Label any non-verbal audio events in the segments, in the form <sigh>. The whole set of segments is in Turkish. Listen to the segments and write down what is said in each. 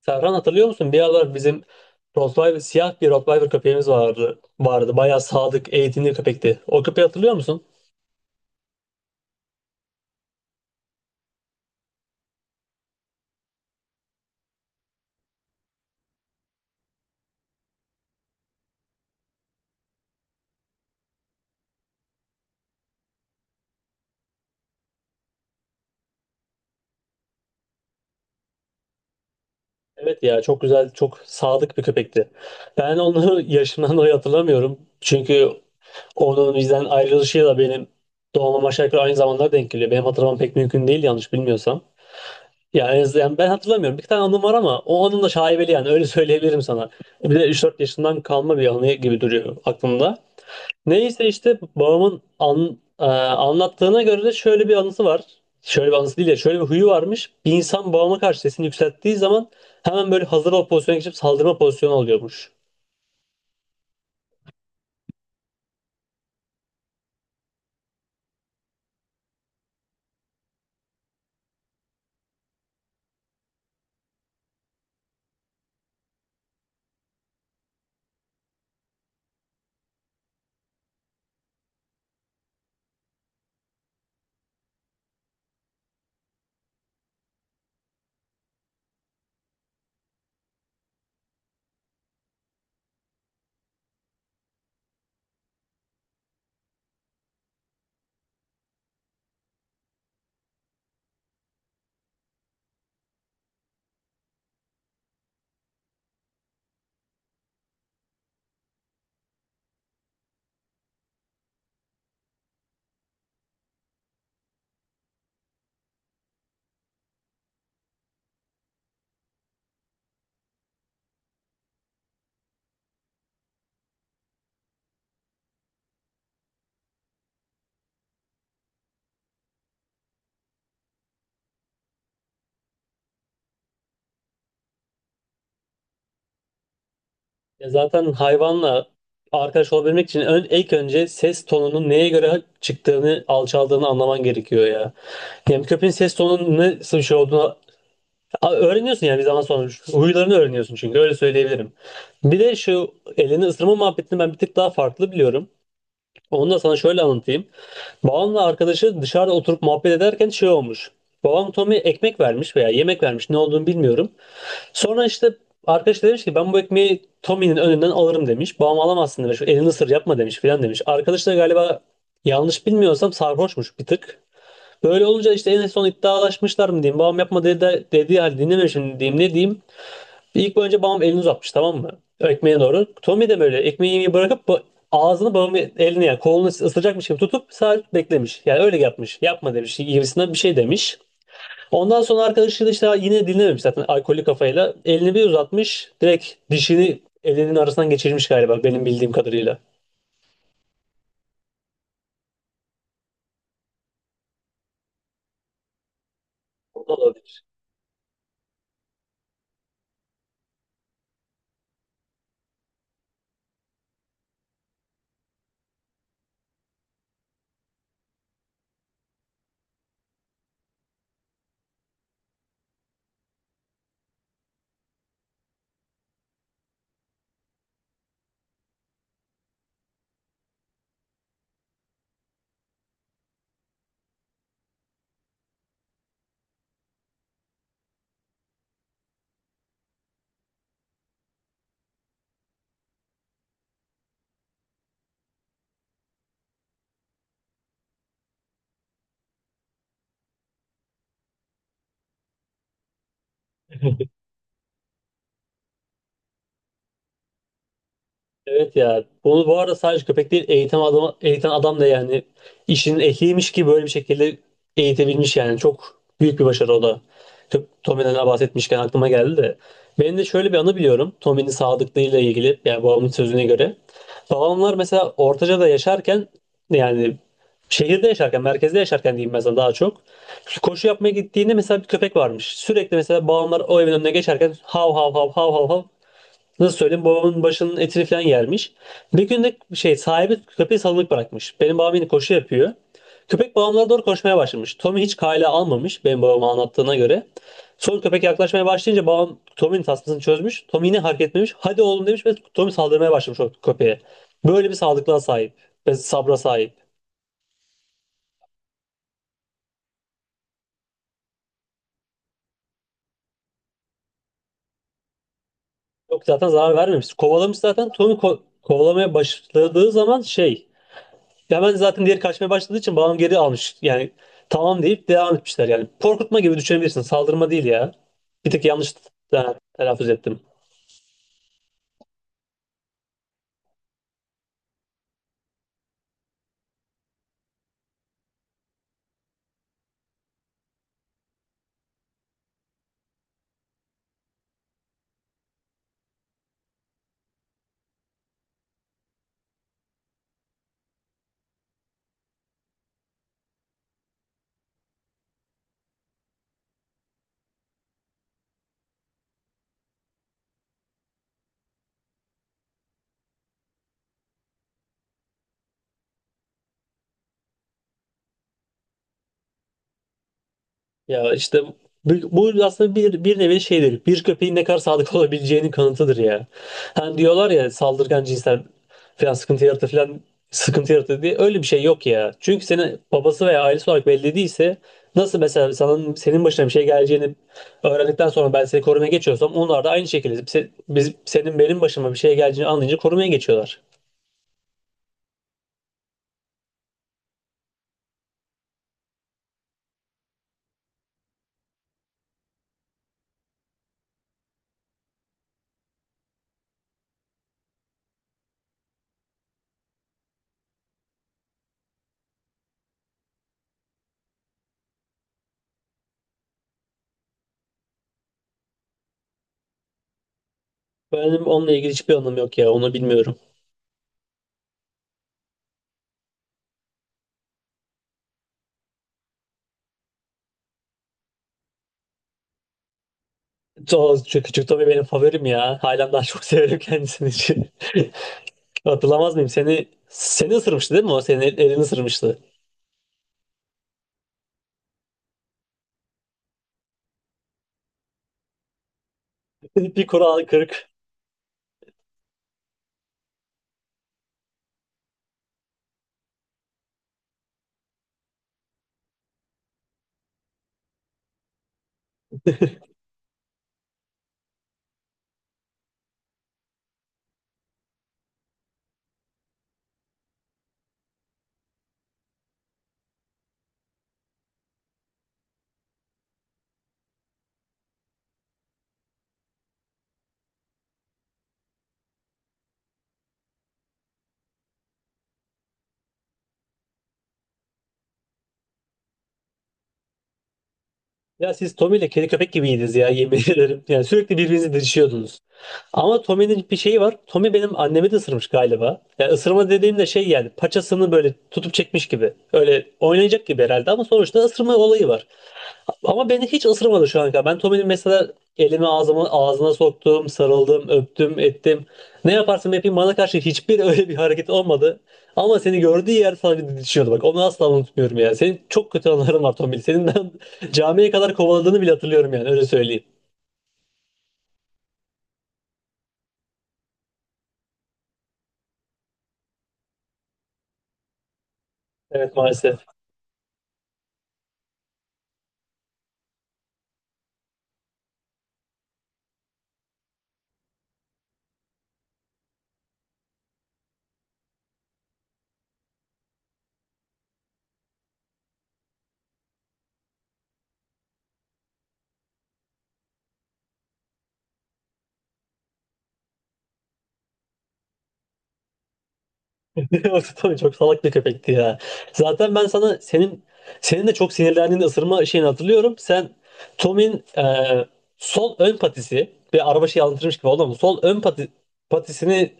Serhan hatırlıyor musun? Bir aralar bizim Rottweiler, siyah bir Rottweiler köpeğimiz vardı. Vardı. Bayağı sadık, eğitimli köpekti. O köpeği hatırlıyor musun? Evet ya, çok güzel, çok sadık bir köpekti. Ben onu <laughs> yaşından dolayı hatırlamıyorum. Çünkü onun bizden ayrılışıyla benim doğmam aşağı yukarı aynı zamanlara denk geliyor. Benim hatırlamam pek mümkün değil yanlış bilmiyorsam. Ya en azından yani ben hatırlamıyorum. Bir tane anım var ama o anım da şaibeli, yani öyle söyleyebilirim sana. Bir de üç dört yaşından kalma bir anı gibi duruyor aklımda. Neyse işte babamın anlattığına göre de şöyle bir anısı var. Şöyle bir anısı değil ya, şöyle bir huyu varmış. Bir insan babama karşı sesini yükselttiği zaman hemen böyle hazır ol pozisyona geçip saldırma pozisyonu alıyormuş. Ya zaten hayvanla arkadaş olabilmek için ön, ilk önce ses tonunun neye göre çıktığını, alçaldığını anlaman gerekiyor ya. Yani köpeğin ses tonunun nasıl bir şey olduğunu öğreniyorsun yani bir zaman sonra. Huylarını öğreniyorsun çünkü, öyle söyleyebilirim. Bir de şu elini ısırma muhabbetini ben bir tık daha farklı biliyorum. Onu da sana şöyle anlatayım. Babamla arkadaşı dışarıda oturup muhabbet ederken şey olmuş. Babam Tommy'ye ekmek vermiş veya yemek vermiş, ne olduğunu bilmiyorum. Sonra işte arkadaş da demiş ki ben bu ekmeği Tommy'nin önünden alırım demiş. Babam alamazsın demiş. Elini ısır, yapma demiş filan demiş. Arkadaş da galiba, yanlış bilmiyorsam sarhoşmuş bir tık. Böyle olunca işte en son iddialaşmışlar mı diyeyim. Babam yapma dedi, dediği halde dinlememişim diyeyim, ne diyeyim. İlk önce babam elini uzatmış, tamam mı? Ekmeğe doğru. Tommy de böyle ekmeği yemeği bırakıp ağzını babamın elini yani kolunu ısıracakmış gibi tutup sadece beklemiş. Yani öyle yapmış. Yapma demiş gibisinden bir şey demiş. Ondan sonra arkadaşı da işte yine dinlememiş zaten alkollü kafayla. Elini bir uzatmış. Direkt dişini elinin arasından geçirmiş galiba, benim bildiğim kadarıyla. Evet ya. Bunu bu arada sadece köpek değil, eğitim adam, eğiten adam da yani işinin ehliymiş ki böyle bir şekilde eğitebilmiş yani. Çok büyük bir başarı o da. Tommy'den bahsetmişken aklıma geldi de. Benim de şöyle bir anı biliyorum. Tommy'nin sadıklığıyla ilgili, yani babamın sözüne göre. Babamlar mesela Ortaca'da yaşarken, yani şehirde yaşarken, merkezde yaşarken diyeyim mesela daha çok. Koşu yapmaya gittiğinde mesela bir köpek varmış. Sürekli mesela babamlar o evin önüne geçerken hav hav hav hav hav hav. Nasıl söyleyeyim, babamın başının etini falan yermiş. Bir gün de şey, sahibi köpeği salınık bırakmış. Benim babam yine koşu yapıyor. Köpek babamlara doğru koşmaya başlamış. Tommy hiç kale almamış benim babama anlattığına göre. Sonra köpek yaklaşmaya başlayınca babam Tommy'nin tasmasını çözmüş. Tommy yine hareket etmemiş. Hadi oğlum demiş ve Tommy saldırmaya başlamış o köpeğe. Böyle bir sağlıklığa sahip ve sabra sahip. Yok, zaten zarar vermemiş. Kovalamış zaten. Tommy kovalamaya başladığı zaman şey, hemen zaten diğeri kaçmaya başladığı için bağım geri almış. Yani tamam deyip devam etmişler yani. Korkutma gibi düşünebilirsin. Saldırma değil ya. Bir tek yanlış e, telaffuz ettim. Ya işte bu, bu aslında bir nevi şeydir. Bir köpeğin ne kadar sadık <laughs> olabileceğinin kanıtıdır ya. Hani diyorlar ya saldırgan cinsten falan sıkıntı yaratır falan, sıkıntı yaratır diye. Öyle bir şey yok ya. Çünkü senin babası veya ailesi olarak belli değilse, nasıl mesela sana, senin başına bir şey geleceğini öğrendikten sonra ben seni korumaya geçiyorsam, onlar da aynı şekilde biz, senin benim başıma bir şey geleceğini anlayınca korumaya geçiyorlar. Benim onunla ilgili hiçbir anlamı yok ya. Onu bilmiyorum. Çok, küçük Tommy benim favorim ya. Halen daha çok severim kendisini. <laughs> Hatırlamaz mıyım? Seni ısırmıştı değil mi o? Senin elini ısırmıştı. <laughs> Bir kural kırık. Ya siz Tommy ile kedi köpek gibiydiniz ya, yemin <laughs> ederim. Yani sürekli birbirinizi didişiyordunuz. Ama Tommy'nin bir şeyi var. Tommy benim annemi de ısırmış galiba. Yani ısırma dediğimde şey, yani paçasını böyle tutup çekmiş gibi. Öyle oynayacak gibi herhalde ama sonuçta ısırma olayı var. Ama beni hiç ısırmadı şu an kadar. Ben Tommy'nin mesela elimi, ağzımı ağzına soktum, sarıldım, öptüm, ettim. Ne yaparsam yapayım bana karşı hiçbir <laughs> öyle bir hareket olmadı. Ama seni gördüğü yer sana bir didişiyordu. Bak onu asla unutmuyorum ya. Senin çok kötü anıların var Tombil. Senin ben <laughs> camiye kadar kovaladığını bile hatırlıyorum, yani öyle söyleyeyim. Evet maalesef. <laughs> O tabii çok salak bir köpekti ya. Zaten ben sana senin de çok sinirlendiğin ısırma şeyini hatırlıyorum. Sen Tom'in e, sol ön patisi, bir araba şey anlatırmış gibi oldu ama sol ön pati, patisini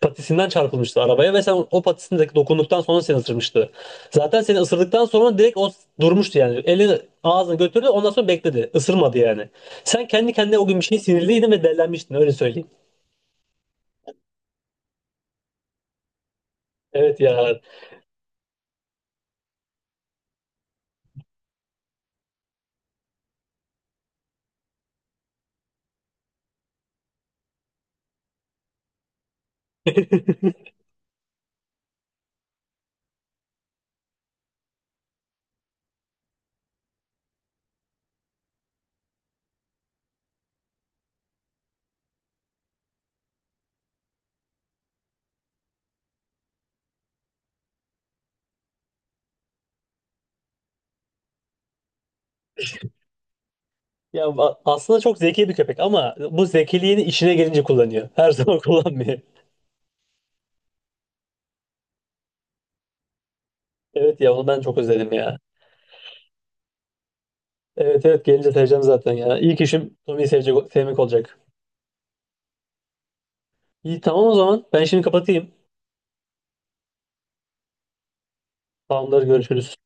patisinden çarpılmıştı arabaya ve sen o patisindeki dokunduktan sonra seni ısırmıştı. Zaten seni ısırdıktan sonra direkt o durmuştu yani. Elini ağzını götürdü ondan sonra bekledi. Isırmadı yani. Sen kendi kendine o gün bir şey sinirliydin ve dellenmiştin, öyle söyleyeyim. Evet ya. Ya aslında çok zeki bir köpek ama bu zekiliğini işine gelince kullanıyor. Her zaman <laughs> kullanmıyor. Evet ya, onu ben çok özledim ya. Evet evet, gelince seveceğim zaten ya. İlk işim Tommy'yi sevecek, sevmek olacak. İyi, tamam o zaman. Ben şimdi kapatayım. Tamamdır, görüşürüz.